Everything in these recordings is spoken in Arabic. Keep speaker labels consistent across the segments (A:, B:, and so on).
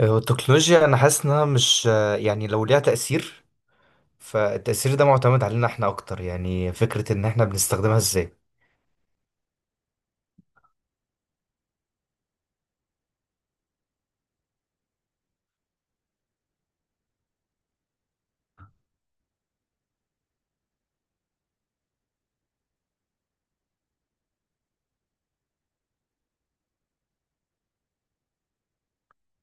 A: هو التكنولوجيا انا حاسس انها مش، يعني لو ليها تأثير فالتأثير ده معتمد علينا احنا اكتر، يعني فكرة ان احنا بنستخدمها ازاي.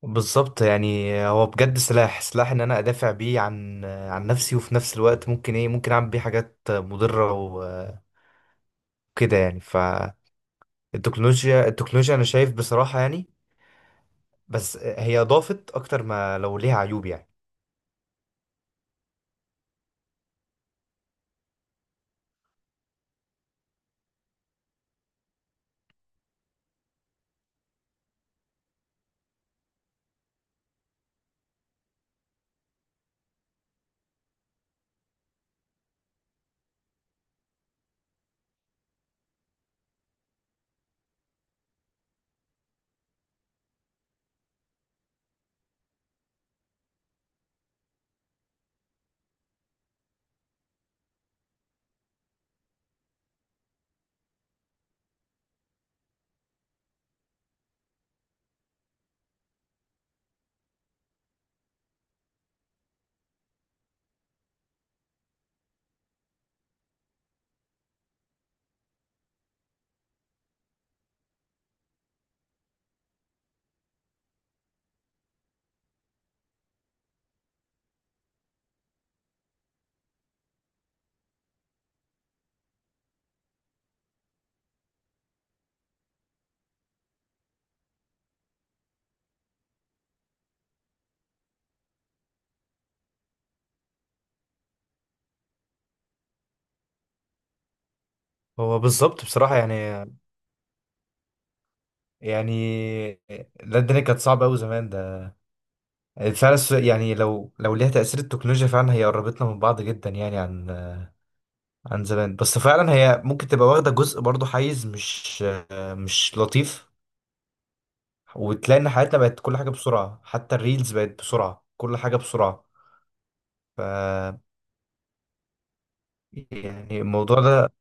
A: بالظبط، يعني هو بجد سلاح سلاح ان انا ادافع بيه عن نفسي، وفي نفس الوقت ممكن ايه، ممكن اعمل بيه حاجات مضرة وكده يعني. فالتكنولوجيا انا شايف بصراحة يعني، بس هي اضافت اكتر ما لو ليها عيوب يعني. هو بالظبط بصراحة يعني، لا الدنيا كانت صعبة أوي زمان ده. فعلا يعني لو ليها تأثير التكنولوجيا فعلا، هي قربتنا من بعض جدا يعني عن زمان، بس فعلا هي ممكن تبقى واخدة جزء برضه حيز مش لطيف. وتلاقي ان حياتنا بقت كل حاجة بسرعة، حتى الريلز بقت بسرعة، كل حاجة بسرعة. ف، يعني الموضوع ده.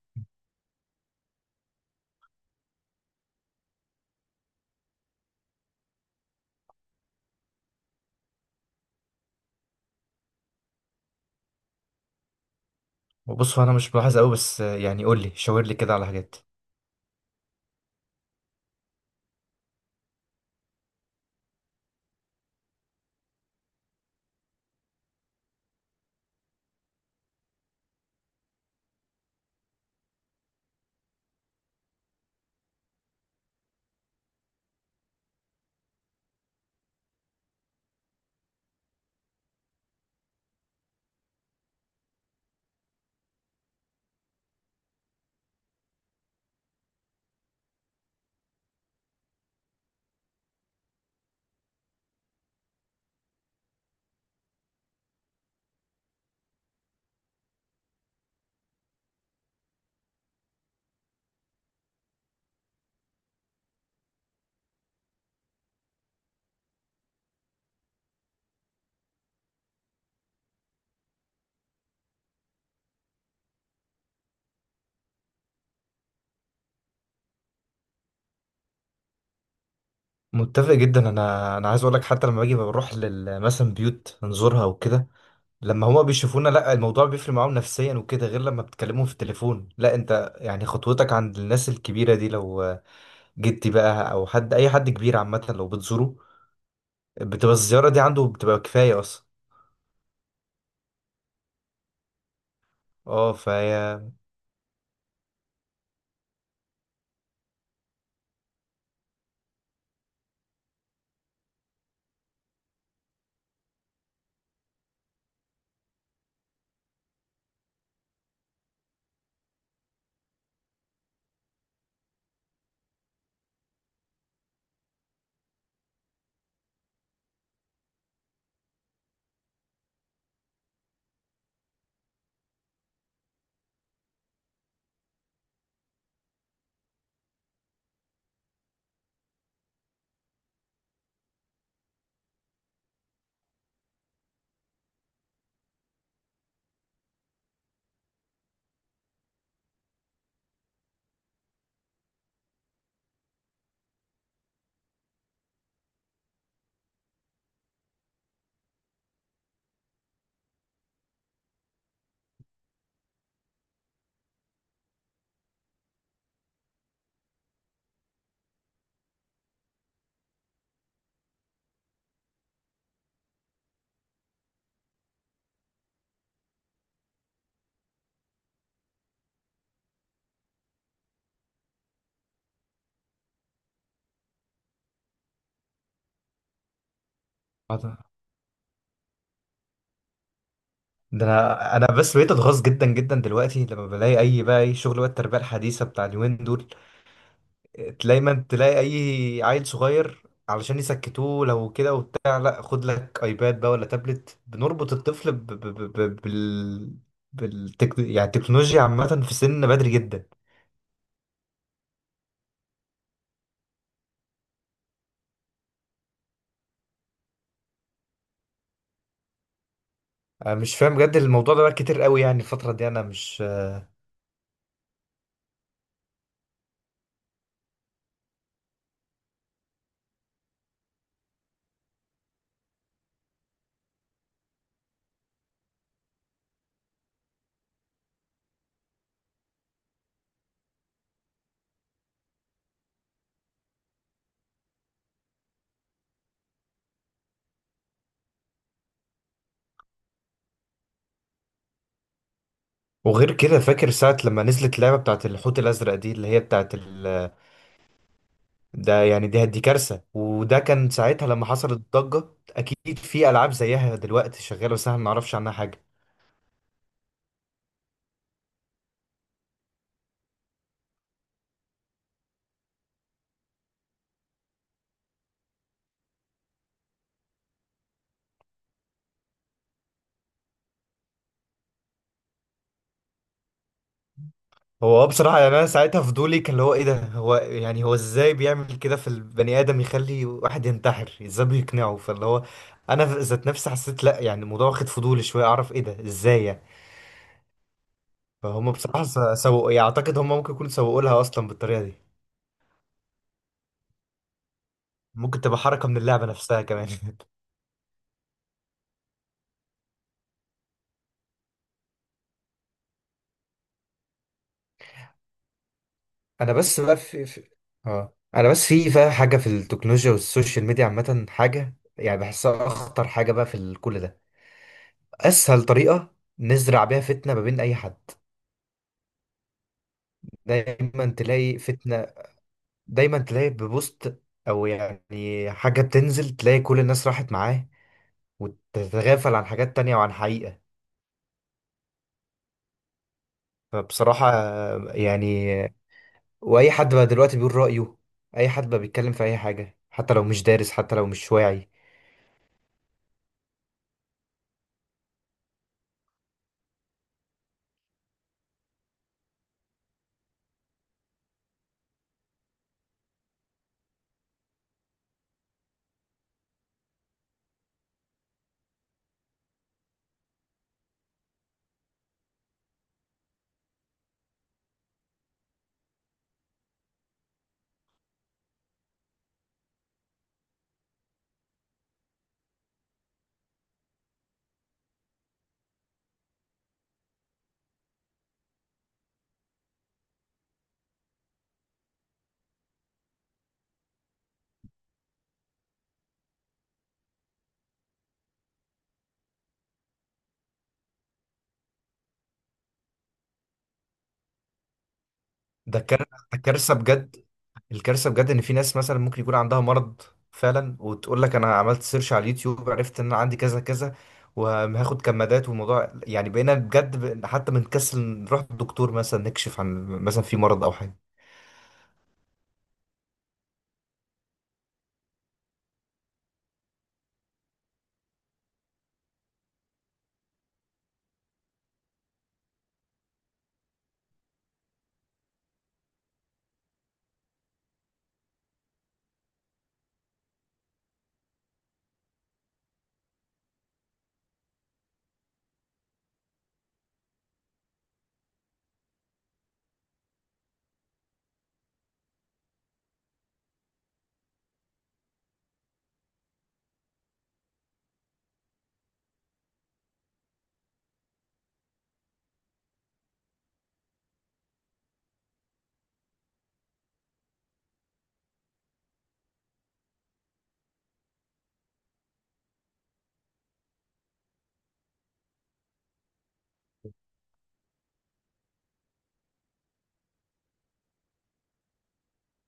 A: بص هو انا مش ملاحظ قوي، بس يعني قول لي شاور لي كده على حاجات. متفق جدا، انا عايز اقول لك، حتى لما باجي بروح لل مثلا بيوت نزورها وكده، لما هما بيشوفونا لا الموضوع بيفرق معاهم نفسيا وكده، غير لما بتكلمهم في التليفون. لا انت يعني خطوتك عند الناس الكبيرة دي، لو جدي بقى او حد اي حد كبير عامة لو بتزوره بتبقى الزيارة دي عنده بتبقى كفاية اصلا. اه فهي. ده انا بس بقيت اتغاظ جدا جدا دلوقتي لما بلاقي اي بقى اي شغل بقى التربية الحديثة بتاع اليومين دول، دايما تلاقي اي عيل صغير علشان يسكتوه لو كده وبتاع، لا خد لك ايباد بقى ولا تابلت، بنربط الطفل يعني التكنولوجيا عامة في سن بدري جدا. أنا مش فاهم بجد الموضوع ده بقى كتير قوي، يعني الفترة دي أنا مش. وغير كده، فاكر ساعة لما نزلت لعبة بتاعت الحوت الأزرق دي اللي هي بتاعت ال...، ده يعني دي كارثة، وده كان ساعتها لما حصلت الضجة. أكيد في ألعاب زيها دلوقتي شغالة، بس احنا ما نعرفش عنها حاجة. هو بصراحة يعني، أنا ساعتها فضولي كان اللي هو إيه ده، هو يعني هو إزاي بيعمل كده في البني آدم، يخلي واحد ينتحر إزاي بيقنعه. فاللي هو أنا ذات نفسي حسيت لأ، يعني الموضوع واخد فضولي شوية، أعرف إيه ده إزاي يعني. فهم بصراحة سوقوا، يعني أعتقد هم ممكن يكونوا سوقوا لها أصلا بالطريقة دي. ممكن تبقى حركة من اللعبة نفسها كمان أنا بس بقى في, في... أنا بس في بقى حاجة في التكنولوجيا والسوشيال ميديا عامة، حاجة يعني بحسها أخطر حاجة بقى في كل ده. أسهل طريقة نزرع بيها فتنة ما بين أي حد. دايما تلاقي فتنة، دايما تلاقي ببوست او يعني حاجة بتنزل، تلاقي كل الناس راحت معاه، وتتغافل عن حاجات تانية وعن حقيقة. فبصراحة يعني، واي حد بقى دلوقتي بيقول رأيه، اي حد بقى بيتكلم في اي حاجة حتى لو مش دارس حتى لو مش واعي. ده كار- ده كارثة بجد. الكارثه بجد ان في ناس مثلا ممكن يكون عندها مرض فعلا، وتقول لك انا عملت سيرش على اليوتيوب، عرفت ان انا عندي كذا كذا وهاخد كمادات، والموضوع يعني بقينا بجد حتى بنكسل نروح للدكتور مثلا نكشف عن مثلا في مرض او حاجه.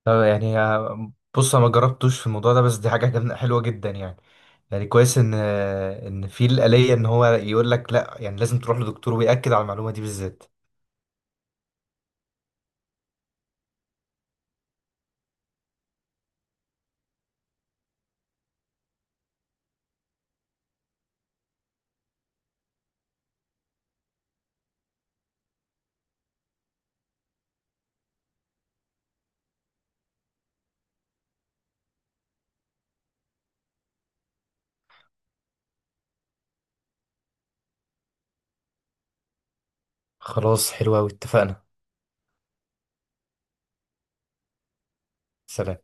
A: طب يعني بص انا ما جربتوش في الموضوع ده، بس دي حاجه حلوه جدا يعني. يعني كويس ان ان في الآلية ان هو يقول لك لا، يعني لازم تروح لدكتور، ويأكد على المعلومه دي بالذات. خلاص حلوه قوي اتفقنا. سلام.